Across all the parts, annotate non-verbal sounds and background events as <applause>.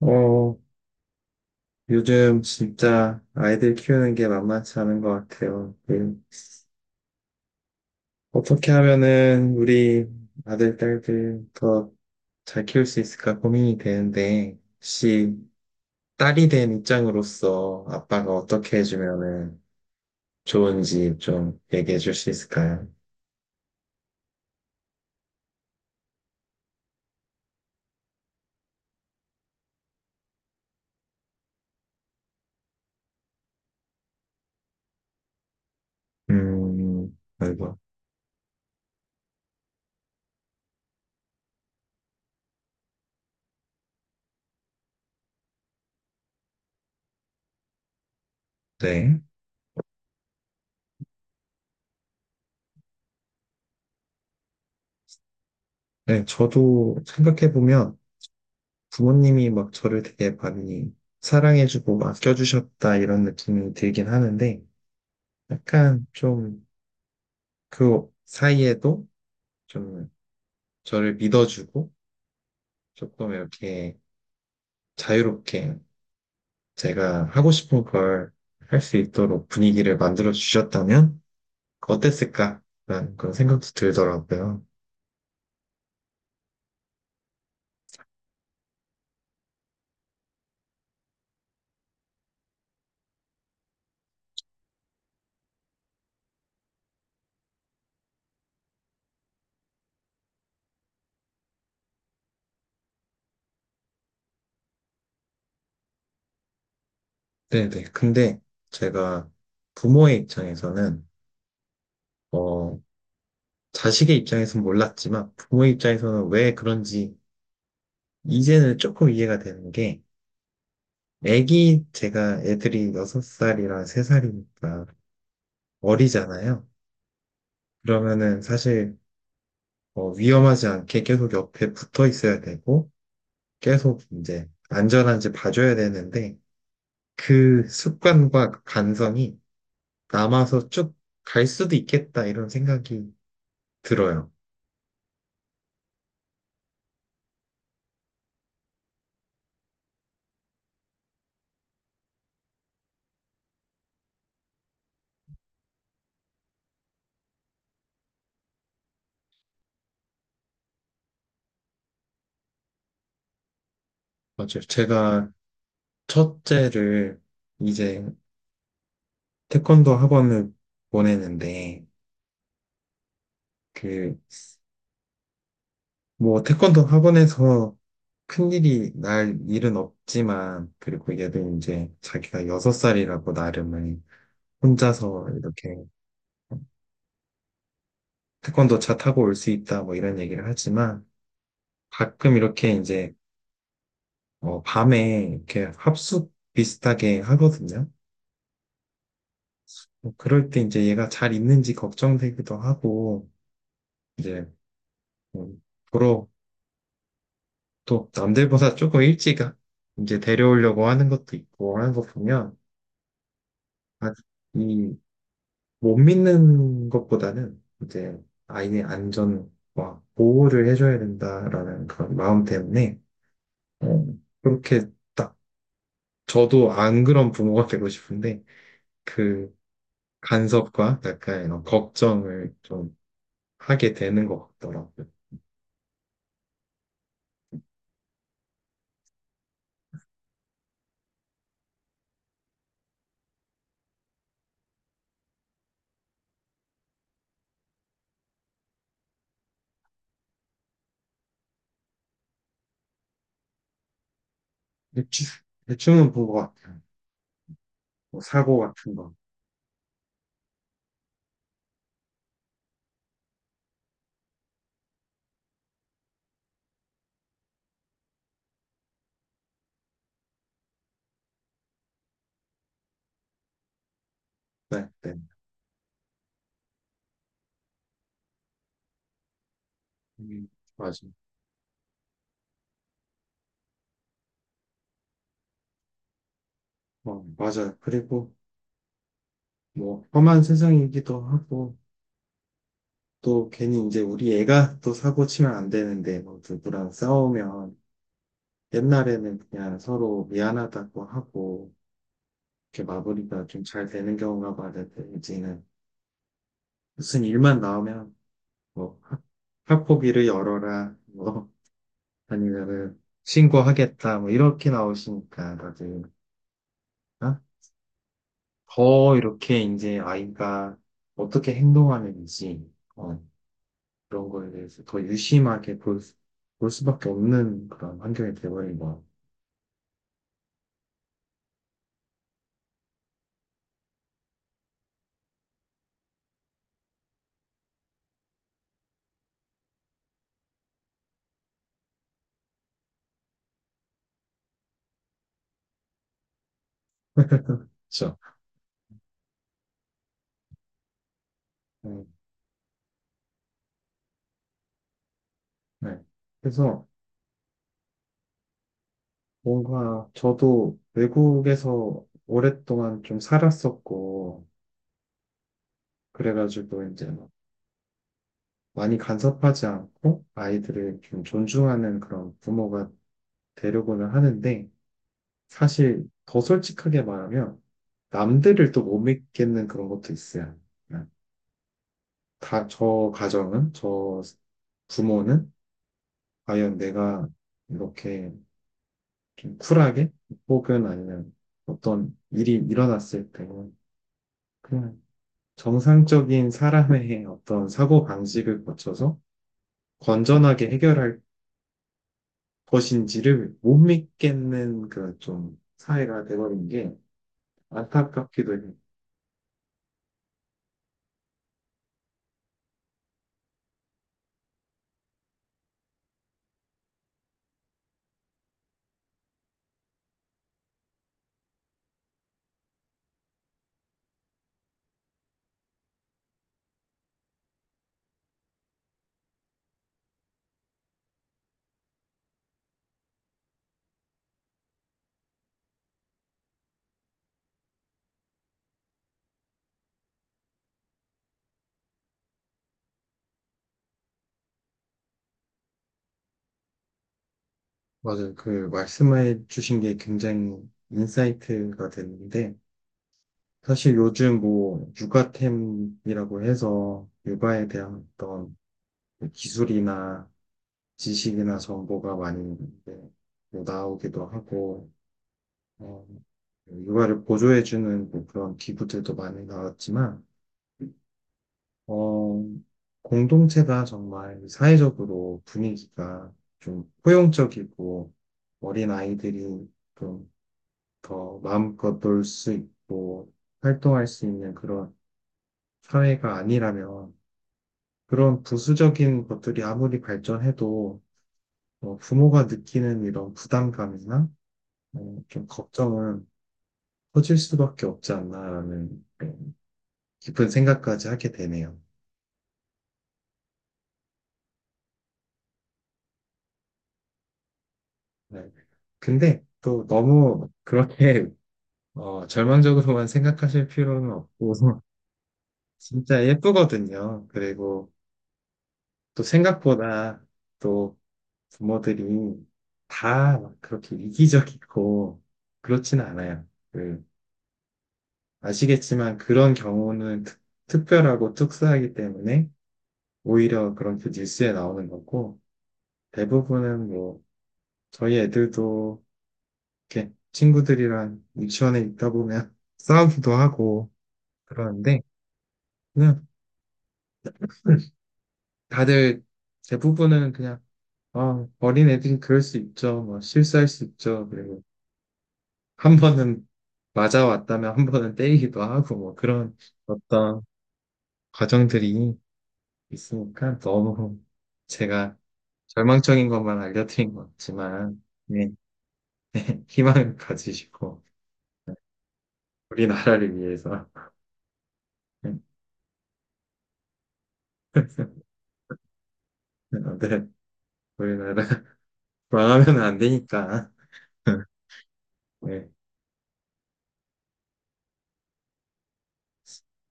어, 요즘 진짜 아이들 키우는 게 만만치 않은 것 같아요. 어떻게 하면은 우리 아들, 딸들 더 잘 키울 수 있을까 고민이 되는데, 혹시 딸이 된 입장으로서 아빠가 어떻게 해주면은 좋은지 좀 얘기해 줄 수 있을까요? 아이고. 네. 네, 저도 생각해보면 부모님이 막 저를 되게 많이 사랑해주고 아껴주셨다 이런 느낌이 들긴 하는데, 약간 좀 그 사이에도 좀 저를 믿어주고 조금 이렇게 자유롭게 제가 하고 싶은 걸 할 수 있도록 분위기를 만들어 주셨다면 어땠을까라는 그런 생각도 들더라고요. 네네. 근데 제가 부모의 입장에서는 어 자식의 입장에서는 몰랐지만 부모의 입장에서는 왜 그런지 이제는 조금 이해가 되는 게 애기 제가 애들이 6살이랑 3살이니까 어리잖아요. 그러면은 사실 위험하지 않게 계속 옆에 붙어 있어야 되고 계속 이제 안전한지 봐줘야 되는데 그 습관과 그 간성이 남아서 쭉 갈 수도 있겠다 이런 생각이 들어요. 맞아요. 제가 첫째를 이제 태권도 학원을 보내는데 그 뭐 태권도 학원에서 큰일이 날 일은 없지만, 그리고 얘도 이제 자기가 6살이라고 나름은 혼자서 이렇게 태권도 차 타고 올 수 있다 뭐 이런 얘기를 하지만 가끔 이렇게 이제 밤에 이렇게 합숙 비슷하게 하거든요. 뭐 그럴 때 이제 얘가 잘 있는지 걱정되기도 하고 이제 음, 보러 또 남들보다 조금 일찍 이제 데려오려고 하는 것도 있고 하는 거 보면 아, 이못 믿는 것보다는 이제 아이의 안전과 보호를 해줘야 된다라는 그런 마음 때문에 어, 그렇게 저도 안 그런 부모가 되고 싶은데 그 간섭과 약간 이런 걱정을 좀 하게 되는 것 같더라고요. 대충, 대충은 본 것 같아요. 뭐 사고 같은 거. 네, 네. 음, 맞아요. 맞아요. 그리고 뭐 험한 세상이기도 하고 또 괜히 이제 우리 애가 또 사고 치면 안 되는데 뭐 누구랑 싸우면 옛날에는 그냥 서로 미안하다고 하고 이렇게 마무리가 좀 잘 되는 경우가 많은데 이제는 무슨 일만 나오면 뭐 학폭위를 열어라 뭐 아니면은 신고하겠다 뭐 이렇게 나오시니까 다들 어? 더 이렇게 이제 아이가 어떻게 행동하는지 어, 그런 거에 대해서 더 유심하게 볼 수밖에 없는 그런 환경이 돼버린 거 같죠. 네. 네. 그래서 뭔가 저도 외국에서 오랫동안 좀 살았었고 그래가지고 이제 뭐 많이 간섭하지 않고 아이들을 좀 존중하는 그런 부모가 되려고는 하는데 사실 더 솔직하게 말하면 남들을 또 못 믿겠는 그런 것도 있어요. 그냥 저 가정은, 저 부모는 과연 내가 이렇게 좀 쿨하게 혹은 아니면 어떤 일이 일어났을 때 그냥 정상적인 사람의 <laughs> 어떤 사고 방식을 거쳐서 건전하게 해결할 것인지를 못 믿겠는 그 좀 사회가 돼버린 게 안타깝기도 해요. 맞아요. 그 말씀해 주신 게 굉장히 인사이트가 됐는데 사실 요즘 뭐 육아템이라고 해서 육아에 대한 어떤 기술이나 지식이나 정보가 많이 이제 뭐 나오기도 하고 어, 육아를 보조해주는 뭐 그런 기구들도 많이 나왔지만 어, 공동체가 정말 사회적으로 분위기가 좀 포용적이고 어린 아이들이 좀 더 마음껏 놀 수 있고 활동할 수 있는 그런 사회가 아니라면 그런 부수적인 것들이 아무리 발전해도 부모가 느끼는 이런 부담감이나 좀 걱정은 커질 수밖에 없지 않나라는 네, 깊은 생각까지 하게 되네요. 네. 근데 또 너무 그렇게 <laughs> 절망적으로만 생각하실 필요는 없고, <laughs> 진짜 예쁘거든요. 그리고 또 생각보다 또 부모들이 다 그렇게 이기적이고, 그렇진 않아요. 아시겠지만 그런 경우는 특별하고 특수하기 때문에 오히려 그런 그 뉴스에 나오는 거고, 대부분은 뭐, 저희 애들도 이렇게 친구들이랑 유치원에 있다 보면 <laughs> 싸우기도 하고, 그러는데, 그냥 다들 대부분은 그냥 아, 어린 애들이 그럴 수 있죠. 뭐 실수할 수 있죠. 그리고 한 번은 맞아왔다면 한 번은 때리기도 하고 뭐 그런 어떤 과정들이 있으니까 너무 제가 절망적인 것만 알려드린 것 같지만 예, <laughs> 희망을 가지시고 우리나라를 위해서 <laughs> 네, 우리나라 <laughs> 망하면 안 되니까 <laughs> 네,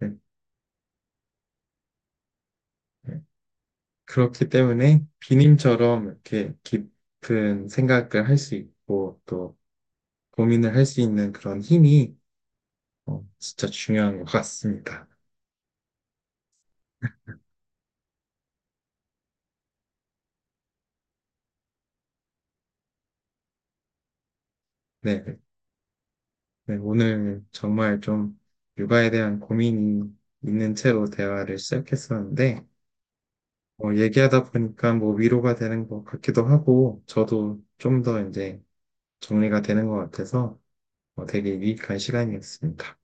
네, 네. 그렇기 때문에 비님처럼 이렇게 깊은 생각을 할 수 있고 또 고민을 할 수 있는 그런 힘이 진짜 중요한 것 같습니다. 네, 네, 오늘 정말 좀 육아에 대한 고민이 있는 채로 대화를 시작했었는데 얘기하다 보니까 뭐 위로가 되는 것 같기도 하고 저도 좀 더 이제 정리가 되는 것 같아서 되게 유익한 시간이었습니다.